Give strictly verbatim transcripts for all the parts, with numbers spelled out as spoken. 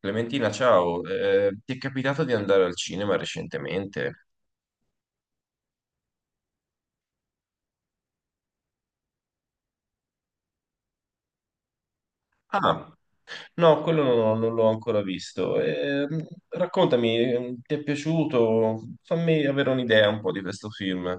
Clementina, ciao. Eh, ti è capitato di andare al cinema recentemente? Ah, no, quello non, ho- non l'ho ancora visto. Eh, raccontami, eh, ti è piaciuto? Fammi avere un'idea un po' di questo film.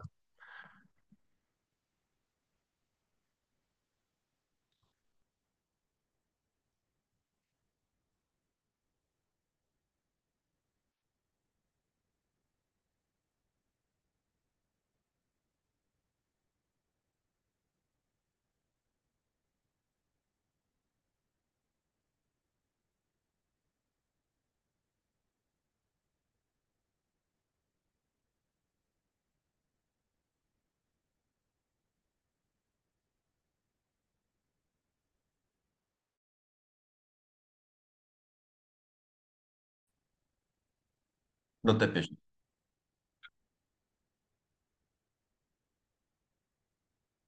Non ti è piaciuto?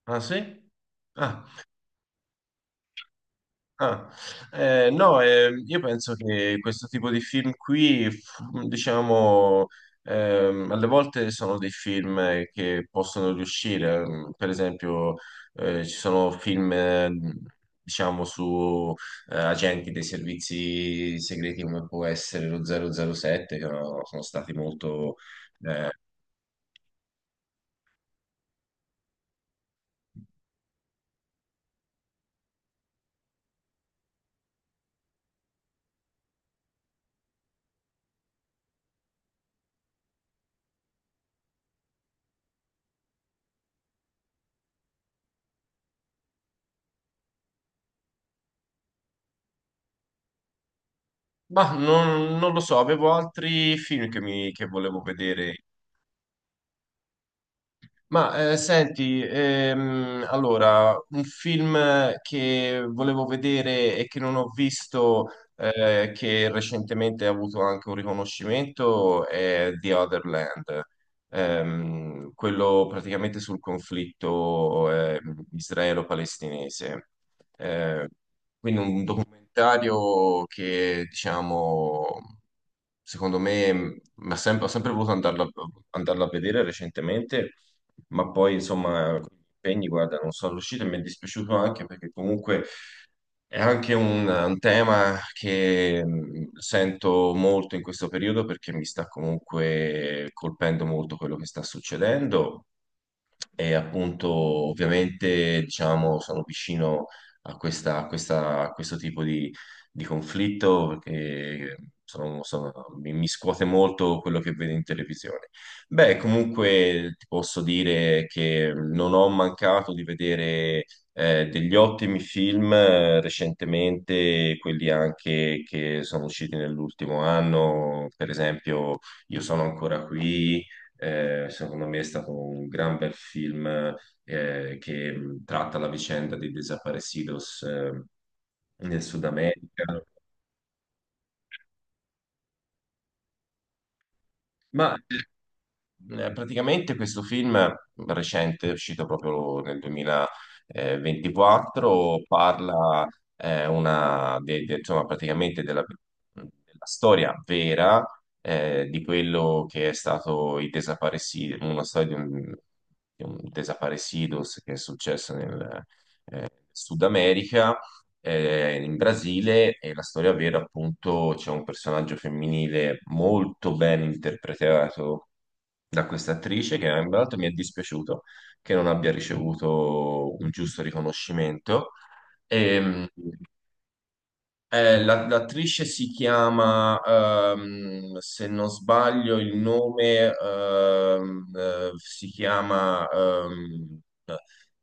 Ah, sì? Ah, ah, eh, no, eh, io penso che questo tipo di film qui, f- diciamo, ehm, alle volte sono dei film eh, che possono riuscire. Mm, per esempio, eh, ci sono film, eh, diciamo, su eh, agenti dei servizi segreti come può essere lo zero zero sette, che no, sono stati molto... eh, ma non, non lo so, avevo altri film che, mi- che volevo vedere. Ma eh, senti, ehm, allora, un film che volevo vedere e che non ho visto, eh, che recentemente ha avuto anche un riconoscimento, è The Other Land. Ehm, quello praticamente sul conflitto ehm, israelo-palestinese. Eh, quindi un documentario che, diciamo, secondo me, mi ha sempre, ho sempre voluto andarla, andarla a vedere recentemente, ma poi insomma con gli impegni, guarda, non sono riuscito e mi è dispiaciuto anche perché comunque è anche un, un tema che mh, sento molto in questo periodo perché mi sta comunque colpendo molto quello che sta succedendo. E appunto, ovviamente, diciamo, sono vicino a questa, a questa- a questo tipo di, di conflitto perché sono- sono- mi, mi scuote molto quello che vedo in televisione. Beh, comunque ti posso dire che non ho mancato di vedere eh, degli ottimi film eh, recentemente, quelli anche che sono usciti nell'ultimo anno, per esempio Io sono ancora qui. Eh, secondo me è stato un gran bel film eh, che mh, tratta la vicenda dei desaparecidos eh, nel Sud America. Ma eh, Eh, Praticamente questo film recente, uscito proprio nel duemilaventiquattro, parla eh, una, de- de- insomma, praticamente della, della storia vera eh, di quello che è stato il desaparecido, una storia di un, di un desaparecidos che è successo nel Sud America, eh, in Brasile, e la storia vera appunto c'è un personaggio femminile molto ben interpretato da questa attrice che tra l'altro mi è dispiaciuto che non abbia ricevuto un giusto riconoscimento. Ehm, eh, la- l'attrice si chiama, ehm, se non sbaglio, il nome ehm, eh, si chiama ehm,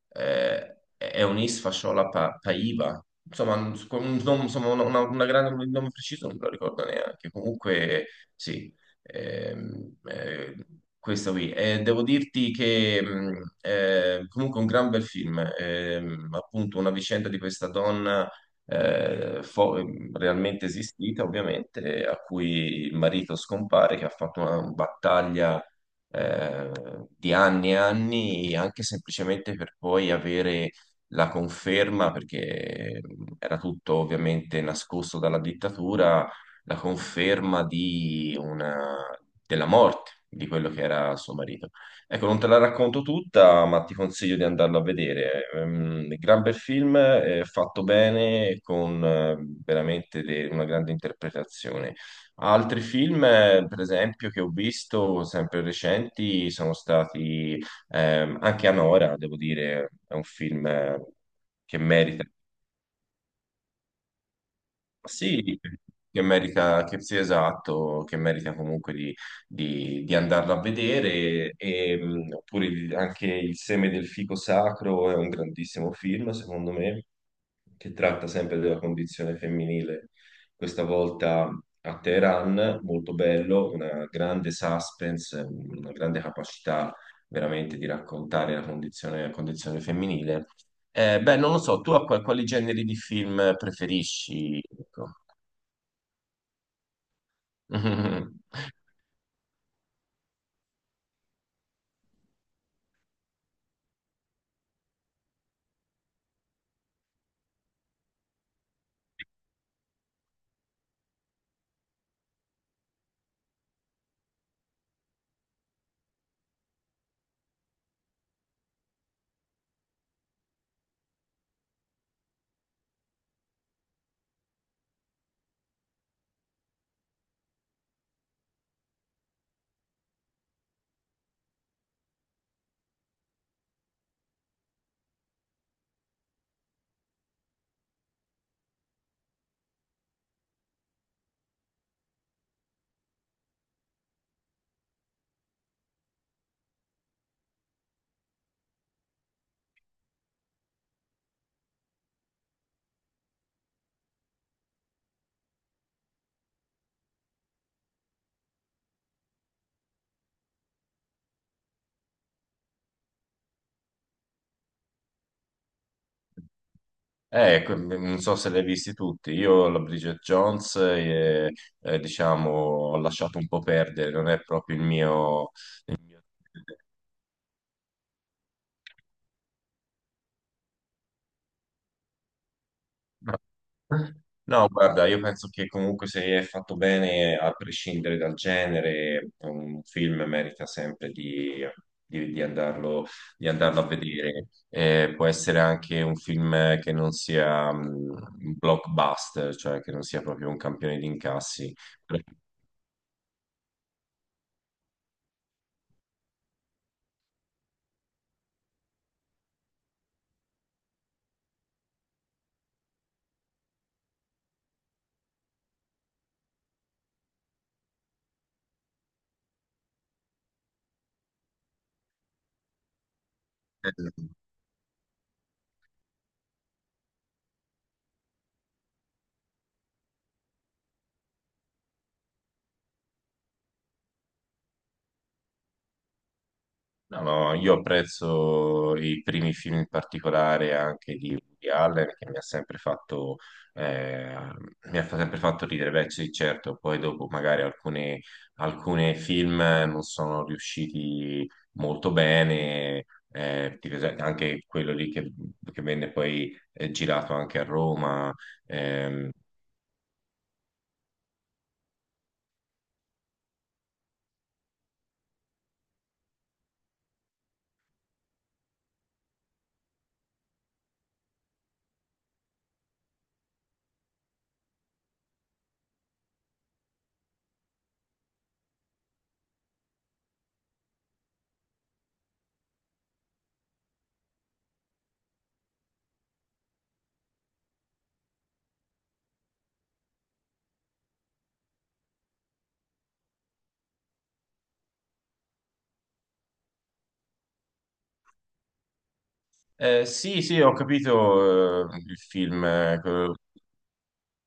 eh, è Eunice Fasciola Pa- Paiva. Insomma, un- un nome- insomma, una, una- una grande, un nome preciso non me lo ricordo neanche. Comunque, sì, ehm, eh, questo qui. Eh, devo dirti che mh, eh, comunque un gran bel film, ehm, appunto una vicenda di questa donna eh, fo- realmente esistita, ovviamente, a cui il marito scompare, che ha fatto una battaglia eh, di anni e anni, anche semplicemente per poi avere la conferma, perché era tutto ovviamente nascosto dalla dittatura, la conferma di una, della morte di quello che era suo marito. Ecco, non te la racconto tutta, ma ti consiglio di andarlo a vedere. Ehm, gran bel film, eh, fatto bene, con eh, veramente de- una grande interpretazione. Altri film, eh, per esempio, che ho visto sempre recenti sono stati ehm, anche Anora, devo dire, è un film eh, che merita, sì, che merita, che sia esatto, che merita comunque di, di, di andarlo a vedere, e, mh, oppure il- anche Il seme del fico sacro è un grandissimo film, secondo me, che tratta sempre della condizione femminile, questa volta a Teheran, molto bello, una grande suspense, una grande capacità veramente di raccontare la condizione, la condizione femminile. Eh, beh, non lo so, tu a qual- quali generi di film preferisci? Ecco. Eh, ecco, non so se li hai visti tutti. Io la Bridget Jones, eh, eh, diciamo, ho lasciato un po' perdere, non è proprio il mio... il mio- No, guarda, io penso che comunque se è fatto bene, a prescindere dal genere, un film merita sempre di, di- di andarlo, di andarlo a vedere. Eh, può essere anche un film che non sia mh, un blockbuster, cioè che non sia proprio un campione di incassi. No, no, io apprezzo i primi film in particolare anche di Woody Allen che mi ha sempre fatto, eh, mi ha fa- sempre fatto ridere, beh sì, certo, poi dopo magari alcune, alcune film non sono riusciti molto bene, eh, tipo es- anche quello lì che, che venne poi eh, girato anche a Roma. Ehm. Eh, sì, sì, ho capito, eh, il film, eh,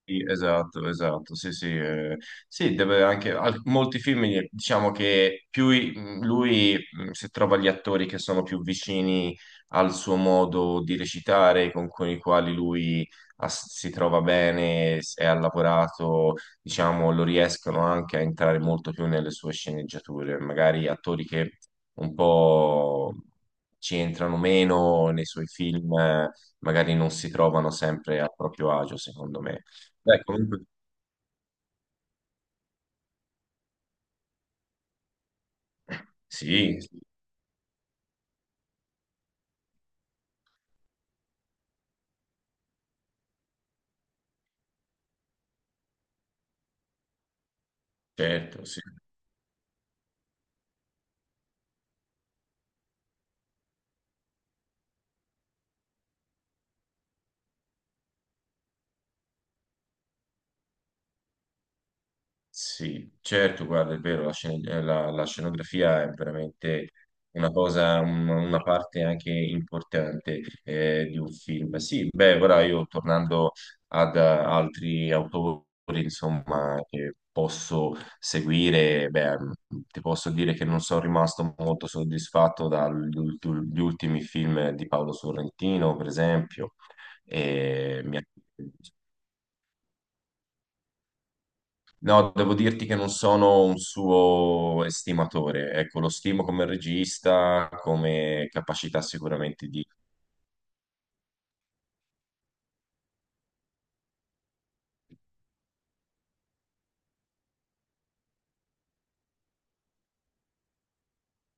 sì, esatto, esatto, sì, sì, eh, sì, deve anche, al- molti film, eh, diciamo che più i- mh, lui, mh, se trova gli attori che sono più vicini al suo modo di recitare, con, con i quali lui ha- si trova bene, s- e ha lavorato, diciamo, lo riescono anche a entrare molto più nelle sue sceneggiature, magari attori che un po' ci entrano meno nei suoi film, eh, magari non si trovano sempre a proprio agio, secondo me. Beh, comunque, sì, sì, certo, sì, sì, certo, guarda, è vero, la, scen- eh, la- la scenografia è veramente una cosa, un- una parte anche importante eh, di un film. Sì, beh, ora io tornando ad eh, altri autori, insomma, che posso seguire, beh, ti posso dire che non sono rimasto molto soddisfatto dagli ulti- gli ultimi film di Paolo Sorrentino, per esempio. E mi ha no, devo dirti che non sono un suo estimatore. Ecco, lo stimo come regista, come capacità sicuramente